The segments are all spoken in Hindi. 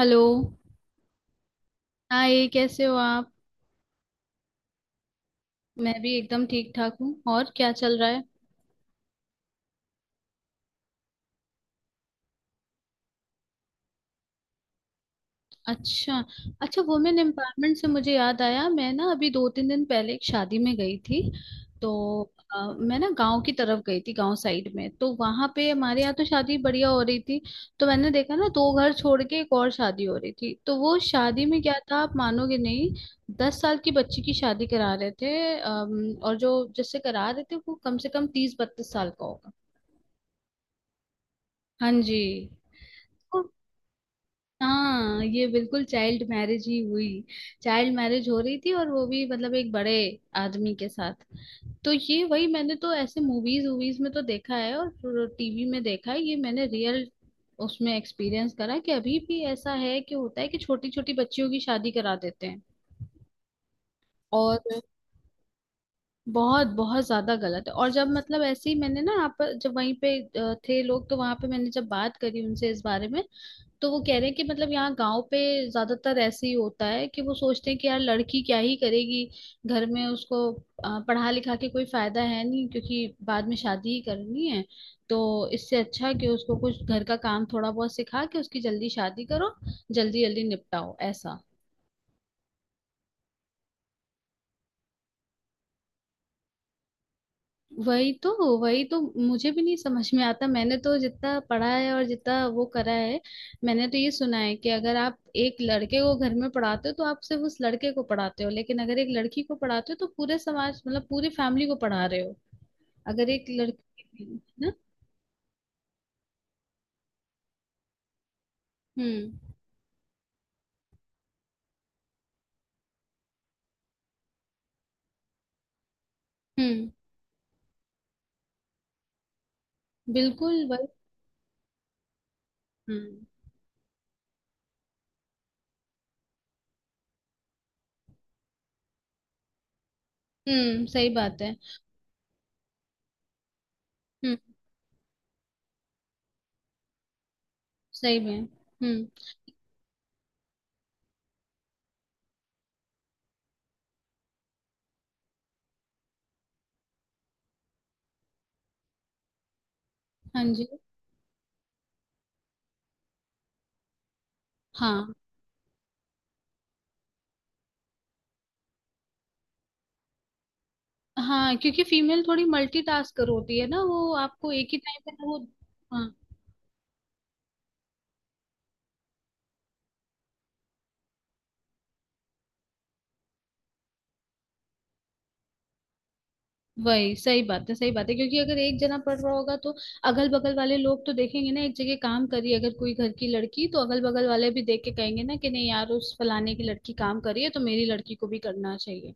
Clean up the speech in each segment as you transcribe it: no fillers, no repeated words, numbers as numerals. हेलो। हाय, कैसे हो आप? मैं भी एकदम ठीक ठाक हूँ। और क्या चल रहा है? अच्छा। अच्छा, वुमेन एम्पावरमेंट से मुझे याद आया, मैं ना अभी 2-3 दिन पहले एक शादी में गई थी। तो मैं ना गांव की तरफ गई थी। गांव साइड में, तो वहां पे हमारे यहाँ तो शादी बढ़िया हो रही थी। तो मैंने देखा ना, दो घर छोड़ के एक और शादी हो रही थी। तो वो शादी में क्या था, आप मानोगे नहीं। 10 साल की बच्ची की शादी करा रहे थे और जो जिससे करा रहे थे वो कम से कम 30-32 साल का होगा। हाँ जी। हाँ, ये बिल्कुल चाइल्ड मैरिज ही हुई। चाइल्ड मैरिज हो रही थी, और वो भी मतलब एक बड़े आदमी के साथ। तो ये वही, मैंने तो ऐसे मूवीज वूवीज में तो देखा है और टीवी में देखा है। ये मैंने रियल उसमें एक्सपीरियंस करा कि अभी भी ऐसा है, कि होता है कि छोटी छोटी बच्चियों की शादी करा देते हैं। और बहुत बहुत ज्यादा गलत है। और जब मतलब ऐसे ही मैंने ना, आप जब वहीं पे थे लोग, तो वहां पे मैंने जब बात करी उनसे इस बारे में। तो वो कह रहे हैं कि मतलब यहाँ गांव पे ज्यादातर ऐसे ही होता है कि वो सोचते हैं कि यार लड़की क्या ही करेगी। घर में उसको पढ़ा लिखा के कोई फायदा है नहीं, क्योंकि बाद में शादी ही करनी है। तो इससे अच्छा है कि उसको कुछ घर का काम थोड़ा बहुत सिखा के उसकी जल्दी शादी करो। जल्दी जल्दी निपटाओ, ऐसा। वही तो। वही तो। मुझे भी नहीं समझ में आता। मैंने तो जितना पढ़ा है और जितना वो करा है, मैंने तो ये सुना है कि अगर आप एक लड़के को घर में पढ़ाते हो तो आप सिर्फ उस लड़के को पढ़ाते हो, लेकिन अगर एक लड़की को पढ़ाते हो तो पूरे समाज मतलब पूरी फैमिली को पढ़ा रहे हो। अगर एक लड़की है ना। हम्म। हम्म। बिल्कुल वही। हम्म। हम्म। सही बात है। हम्म। सही में। हम्म। हाँ जी। हाँ हाँ। क्योंकि फीमेल थोड़ी मल्टीटास्कर होती है ना, वो आपको एक ही टाइम पे ना वो। हाँ। वही। सही बात है। सही बात है। क्योंकि अगर एक जना पढ़ रहा होगा, तो अगल बगल वाले लोग तो देखेंगे ना, एक जगह काम करी अगर कोई घर की लड़की, तो अगल बगल वाले भी देख के कहेंगे ना कि नहीं यार उस फलाने की लड़की काम कर रही है, तो मेरी लड़की को भी करना चाहिए।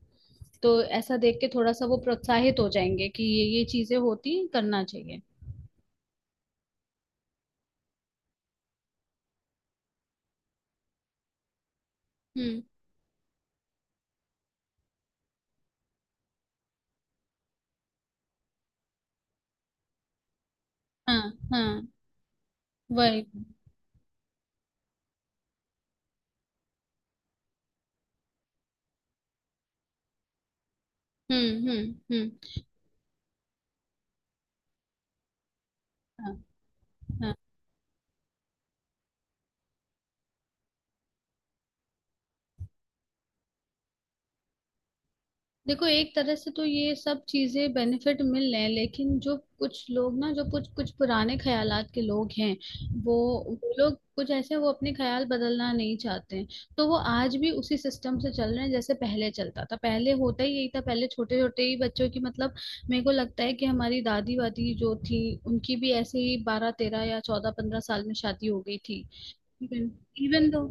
तो ऐसा देख के थोड़ा सा वो प्रोत्साहित हो जाएंगे कि ये चीजें होती हैं, करना चाहिए। हम्म। हाँ हाँ। वही। हम्म। हम्म। हम्म। हाँ हाँ। देखो, एक तरह से तो ये सब चीजें बेनिफिट मिल रहे हैं, लेकिन जो कुछ लोग ना, जो कुछ कुछ पुराने ख्यालात के लोग हैं वो वो लोग कुछ ऐसे हैं, वो अपने ख्याल बदलना नहीं चाहते हैं। तो वो आज भी उसी सिस्टम से चल रहे हैं, जैसे पहले चलता था, पहले होता ही यही था, पहले छोटे छोटे ही बच्चों की मतलब। मेरे को लगता है कि हमारी दादी वादी जो थी, उनकी भी ऐसे ही 12-13 या 14-15 साल में शादी हो गई थी। इवन। इवन दो।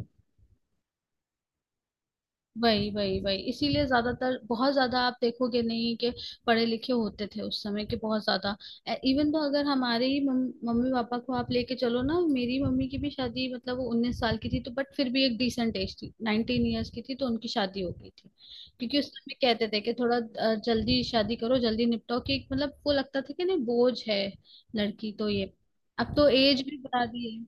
वही वही वही, इसीलिए ज्यादातर बहुत ज्यादा आप देखोगे नहीं कि पढ़े लिखे होते थे उस समय के, बहुत ज्यादा। इवन, तो अगर हमारे ही मम्मी पापा को आप लेके चलो ना, मेरी मम्मी की भी शादी मतलब वो 19 साल की थी, तो बट फिर भी एक डिसेंट एज थी, 19 ईयर्स की थी, तो उनकी शादी हो गई थी। क्योंकि उस समय कहते थे कि थोड़ा जल्दी शादी करो, जल्दी निपटाओ कि एक मतलब वो लगता था कि नहीं बोझ है। लड़की तो ये, अब तो एज भी बढ़ा दी है।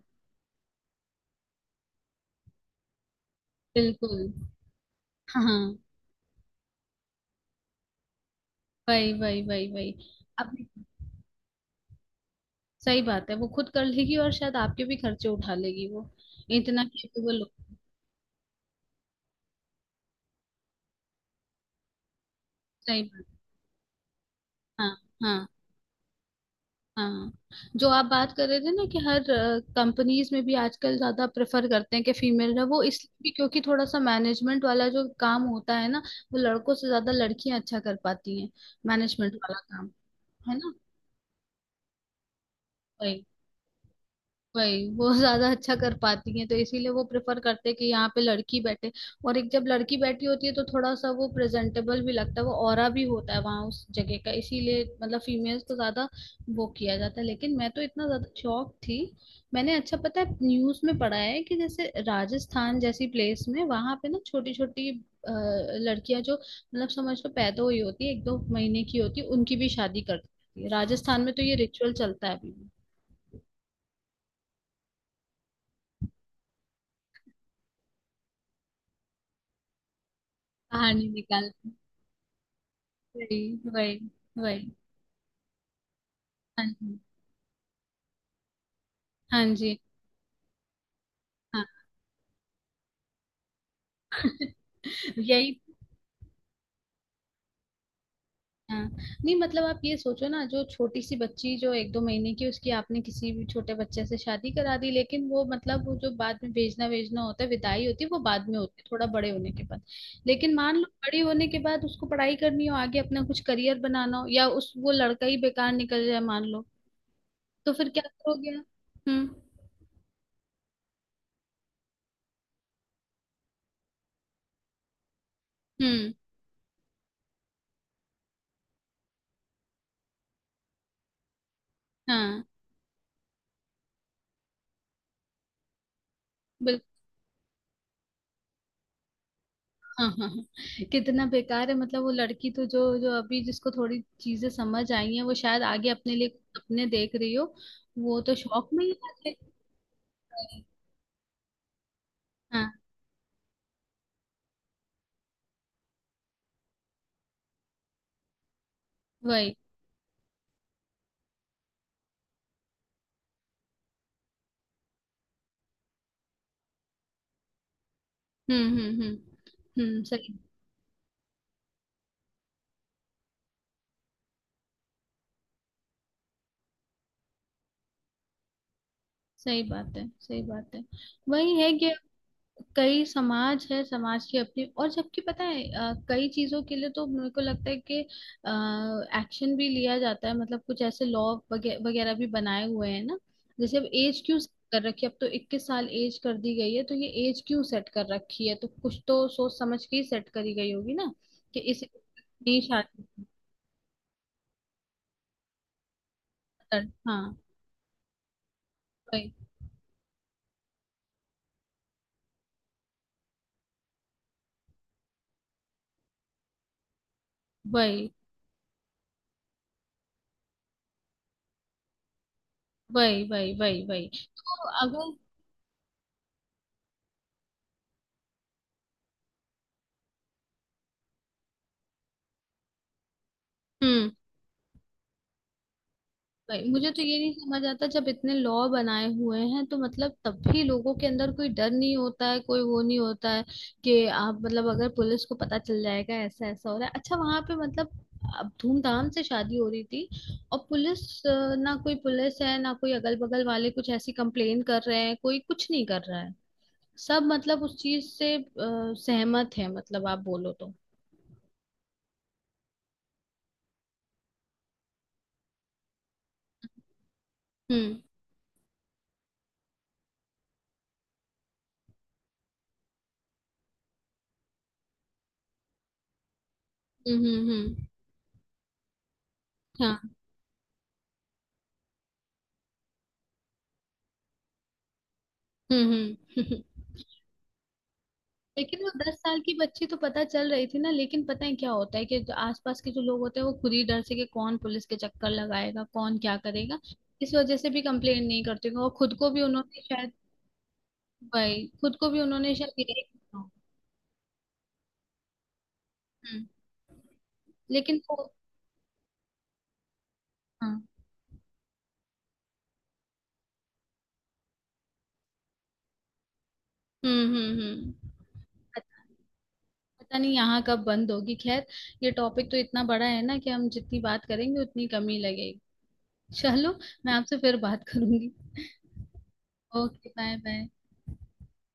बिल्कुल। हाँ हाँ। वही वही वही वही। अब सही बात है, वो खुद कर लेगी और शायद आपके भी खर्चे उठा लेगी। वो इतना कैपेबल हो। सही बात। हाँ। हाँ। हाँ, जो आप बात कर रहे थे ना कि हर कंपनीज में भी आजकल ज्यादा प्रेफर करते हैं कि फीमेल है वो, इसलिए भी क्योंकि थोड़ा सा मैनेजमेंट वाला जो काम होता है ना, वो लड़कों से ज्यादा लड़कियां अच्छा कर पाती हैं। मैनेजमेंट वाला काम है ना। वही वो ज्यादा अच्छा कर पाती हैं, तो इसीलिए वो प्रेफर करते हैं कि यहाँ पे लड़की बैठे। और एक जब लड़की बैठी होती है तो थोड़ा सा वो प्रेजेंटेबल भी लगता है, वो ऑरा भी होता है वहां उस जगह का, इसीलिए मतलब फीमेल्स को ज्यादा वो किया जाता है। लेकिन मैं तो इतना ज्यादा शौक थी, मैंने अच्छा पता है न्यूज में पढ़ा है कि जैसे राजस्थान जैसी प्लेस में वहां पे ना, छोटी छोटी लड़कियां जो मतलब समझ लो पैदा हुई होती है, 1-2 महीने की होती है, उनकी भी शादी कर देती है राजस्थान में, तो ये रिचुअल चलता है अभी भी। कहानी निकाल। वही, वही, वही। हाँ जी, हाँ जी, हाँ। यही। हाँ। नहीं मतलब आप ये सोचो ना, जो छोटी सी बच्ची जो 1-2 महीने की, उसकी आपने किसी भी छोटे बच्चे से शादी करा दी, लेकिन वो मतलब वो जो बाद में भेजना भेजना होता है, विदाई होती है, वो बाद में होती है थोड़ा बड़े होने के बाद। लेकिन मान लो बड़ी होने के बाद उसको पढ़ाई करनी हो आगे, अपना कुछ करियर बनाना हो, या उस वो लड़का ही बेकार निकल जाए मान लो, तो फिर क्या करोगे आप? हम्म। हम्म। हाँ हाँ हाँ। हाँ। कितना बेकार है, मतलब वो लड़की तो जो जो अभी जिसको थोड़ी चीजें समझ आई हैं वो शायद आगे अपने लिए सपने देख रही हो, वो तो शौक में ही आके। हाँ। वही। हम्म। हम्म। हम्म। हम्म। सही। सही बात है। सही बात है। वही है कि कई समाज है समाज की अपनी, और जबकि पता है कई चीजों के लिए तो मेरे को लगता है कि एक्शन भी लिया जाता है, मतलब कुछ ऐसे लॉ वगैरह भी बनाए हुए हैं ना। जैसे अब एज क्यों set कर रखी है, अब तो 21 साल एज कर दी गई है, तो ये एज क्यों सेट कर रखी है, तो कुछ तो सोच समझ के ही सेट करी गई होगी ना कि इस। नहीं, शादी हाँ। वही वही वही वही। वही वही। तो अगर। हम्म। नहीं, मुझे तो ये नहीं समझ आता, जब इतने लॉ बनाए हुए हैं तो मतलब तब भी लोगों के अंदर कोई डर नहीं होता है, कोई वो नहीं होता है कि आप मतलब अगर पुलिस को पता चल जाएगा ऐसा ऐसा हो रहा है। अच्छा वहां पे मतलब अब धूमधाम से शादी हो रही थी, और पुलिस ना कोई पुलिस है, ना कोई अगल बगल वाले कुछ ऐसी कंप्लेन कर रहे हैं, कोई कुछ नहीं कर रहा है, सब मतलब उस चीज से सहमत है, मतलब आप बोलो तो। हम्म। हम्म। हम्म। हम्म। हाँ। हम्म। हम्म। लेकिन वो 10 साल की बच्ची तो पता चल रही थी ना। लेकिन पता है क्या होता है कि जो आसपास के जो लोग होते हैं वो खुद ही डर से कि कौन पुलिस के चक्कर लगाएगा, कौन क्या करेगा, इस वजह से भी कंप्लेन नहीं करते होंगे, और खुद को भी उन्होंने शायद, भाई खुद को भी उन्होंने शायद यही कहा होगा। हम्म। लेकिन वो, हाँ। हम्म। हम्म। हम्म। पता, पता नहीं यहाँ कब बंद होगी, खैर। ये टॉपिक तो इतना बड़ा है ना, कि हम जितनी बात करेंगे उतनी कमी लगेगी। चलो, मैं आपसे फिर बात करूंगी। ओके। Bye bye.